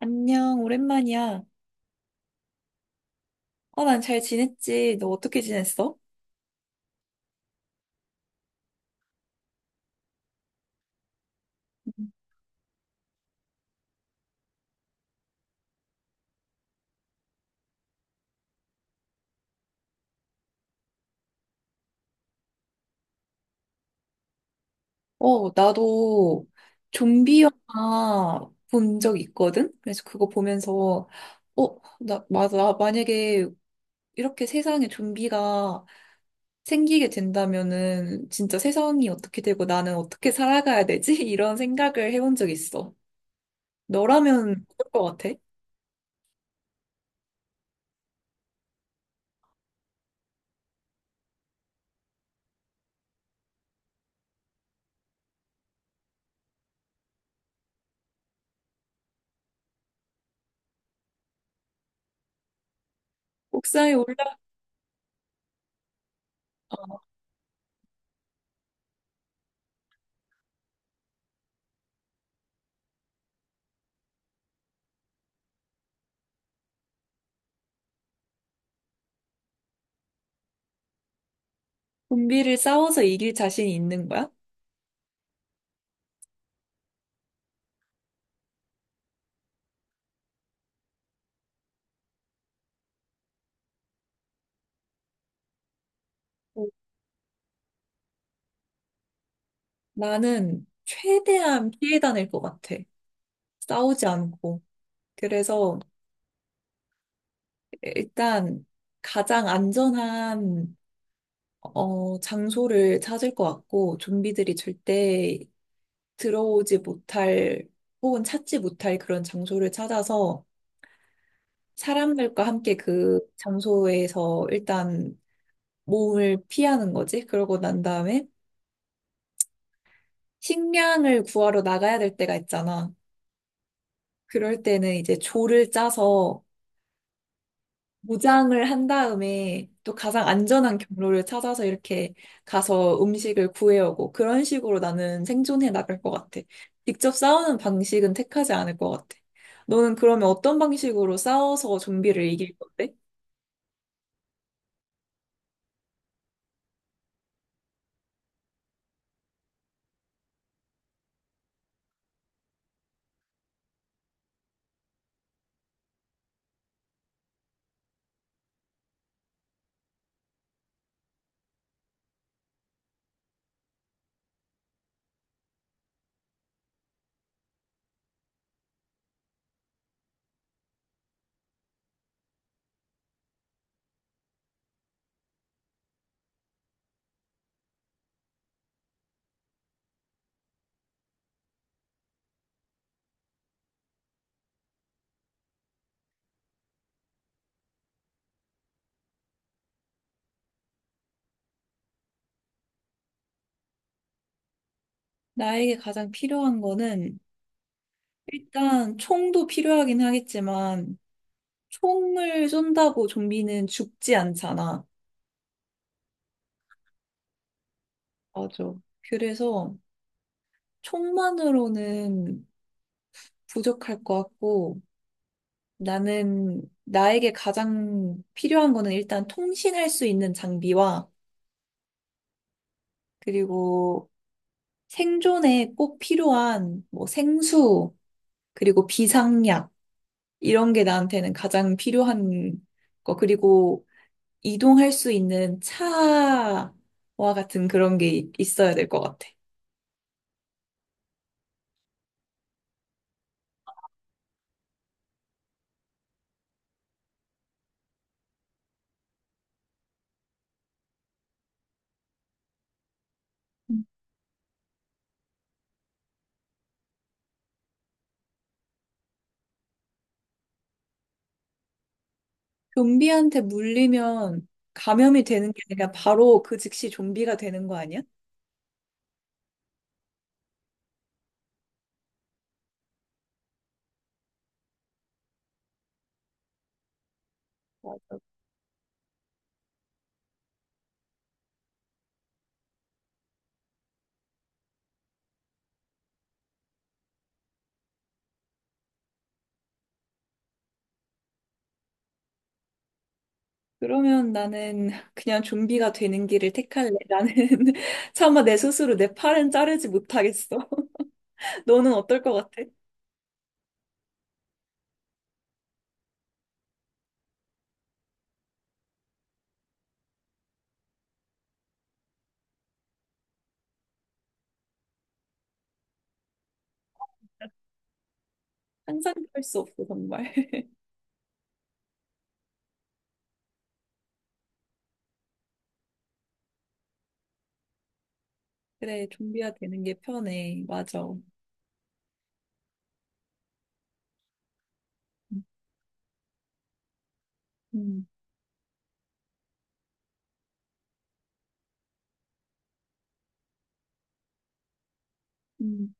안녕, 오랜만이야. 난 잘 지냈지. 너 어떻게 지냈어? 음. 나도 좀비 영화 본 적 있거든? 그래서 그거 보면서, 맞아. 나 만약에 이렇게 세상에 좀비가 생기게 된다면은 진짜 세상이 어떻게 되고 나는 어떻게 살아가야 되지? 이런 생각을 해본 적 있어. 너라면 어떨 것 같아? 옥상에 올라 좀비를 싸워서 이길 자신이 있는 거야? 나는 최대한 피해 다닐 것 같아. 싸우지 않고. 그래서 일단 가장 안전한 장소를 찾을 것 같고, 좀비들이 절대 들어오지 못할 혹은 찾지 못할 그런 장소를 찾아서 사람들과 함께 그 장소에서 일단 몸을 피하는 거지. 그러고 난 다음에 식량을 구하러 나가야 될 때가 있잖아. 그럴 때는 이제 조를 짜서 무장을 한 다음에 또 가장 안전한 경로를 찾아서 이렇게 가서 음식을 구해오고 그런 식으로 나는 생존해 나갈 것 같아. 직접 싸우는 방식은 택하지 않을 것 같아. 너는 그러면 어떤 방식으로 싸워서 좀비를 이길 건데? 나에게 가장 필요한 거는 일단 총도 필요하긴 하겠지만 총을 쏜다고 좀비는 죽지 않잖아. 맞아. 그래서 총만으로는 부족할 것 같고 나는 나에게 가장 필요한 거는 일단 통신할 수 있는 장비와 그리고 생존에 꼭 필요한 뭐 생수 그리고 비상약 이런 게 나한테는 가장 필요한 거 그리고 이동할 수 있는 차와 같은 그런 게 있어야 될 것 같아. 음. 좀비한테 물리면 감염이 되는 게 아니라 바로 그 즉시 좀비가 되는 거 아니야? 맞아. 그러면 나는 그냥 좀비가 되는 길을 택할래. 나는 차마 내 스스로 내 팔은 자르지 못하겠어. 너는 어떨 것 같아? 상상도 할 수 없어, 정말. 그래, 좀비가 되는 게 편해. 맞아. 음, 음.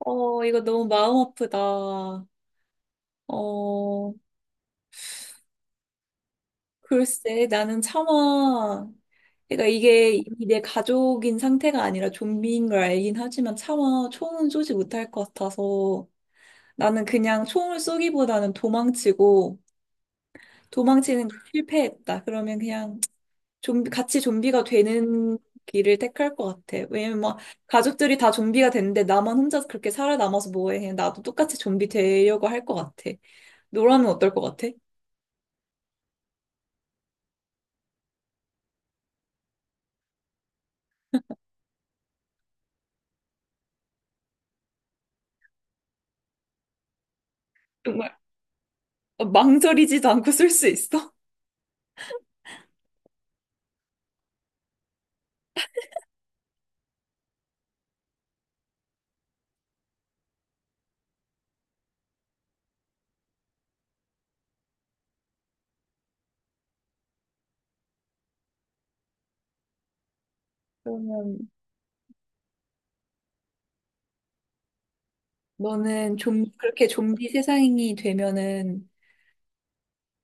이거 너무 마음 아프다. 어, 글쎄, 나는 차마, 그러니까 이게 이미 내 가족인 상태가 아니라 좀비인 걸 알긴 하지만 차마 총은 쏘지 못할 것 같아서 나는 그냥 총을 쏘기보다는 도망치고, 도망치는 게 실패했다. 그러면 그냥 좀비, 같이 좀비가 되는 길을 택할 것 같아. 왜냐면 막 가족들이 다 좀비가 됐는데 나만 혼자 그렇게 살아남아서 뭐해. 그냥 나도 똑같이 좀비 되려고 할 것 같아. 너라면 어떨 것 같아? 정말 망설이지도 않고 쏠 수 있어? 그러면 너는 좀 그렇게 좀비 세상이 되면은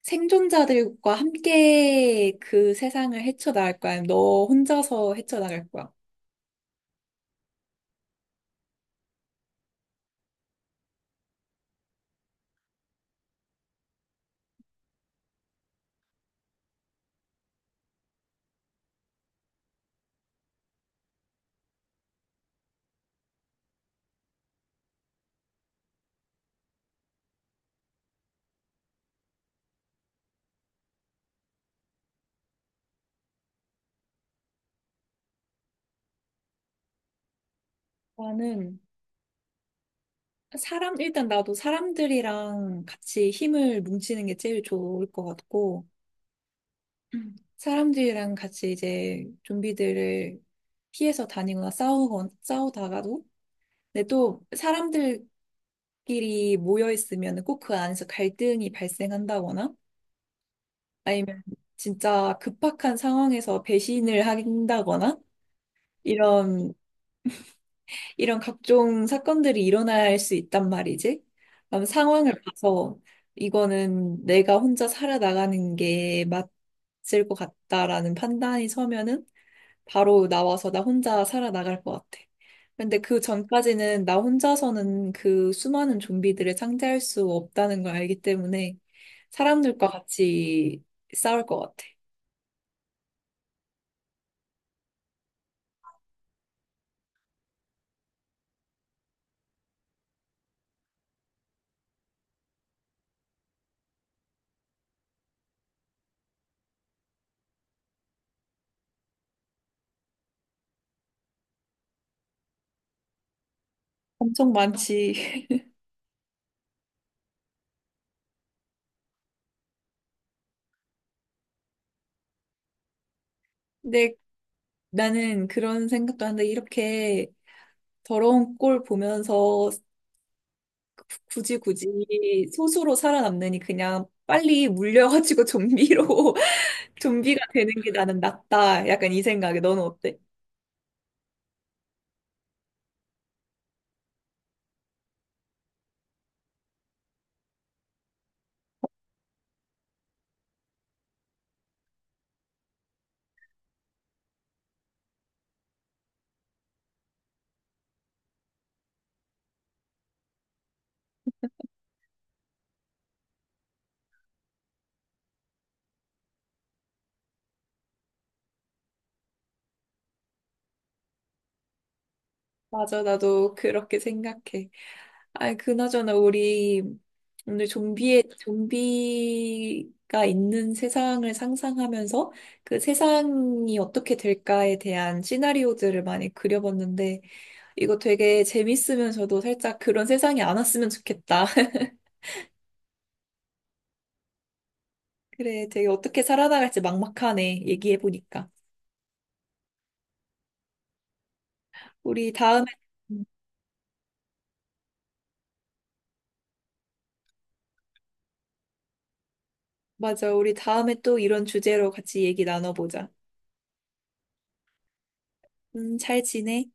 생존자들과 함께 그 세상을 헤쳐나갈 거야? 아니면 너 혼자서 헤쳐나갈 거야? 나는 사람, 일단 나도 사람들이랑 같이 힘을 뭉치는 게 제일 좋을 것 같고, 사람들이랑 같이 이제 좀비들을 피해서 다니거나 싸우거 싸우다가도, 근데 또 사람들끼리 모여 있으면 꼭 그 안에서 갈등이 발생한다거나, 아니면 진짜 급박한 상황에서 배신을 한다거나, 이런 이런 각종 사건들이 일어날 수 있단 말이지. 그럼 상황을 봐서 이거는 내가 혼자 살아나가는 게 맞을 것 같다라는 판단이 서면은 바로 나와서 나 혼자 살아나갈 것 같아. 근데 그 전까지는 나 혼자서는 그 수많은 좀비들을 상대할 수 없다는 걸 알기 때문에 사람들과 같이 싸울 것 같아. 엄청 많지. 근데 나는 그런 생각도 하는데 이렇게 더러운 꼴 보면서 굳이 굳이 소수로 살아남느니 그냥 빨리 물려가지고 좀비로 좀비가 되는 게 나는 낫다. 약간 이 생각에 너는 어때? 맞아, 나도 그렇게 생각해. 아, 그나저나 우리 오늘 좀비의 좀비가 있는 세상을 상상하면서 그 세상이 어떻게 될까에 대한 시나리오들을 많이 그려봤는데 이거 되게 재밌으면서도 살짝 그런 세상이 안 왔으면 좋겠다. 그래, 되게 어떻게 살아나갈지 막막하네, 얘기해보니까. 우리 다음에, 음, 맞아, 우리 다음에 또 이런 주제로 같이 얘기 나눠보자. 잘 지내?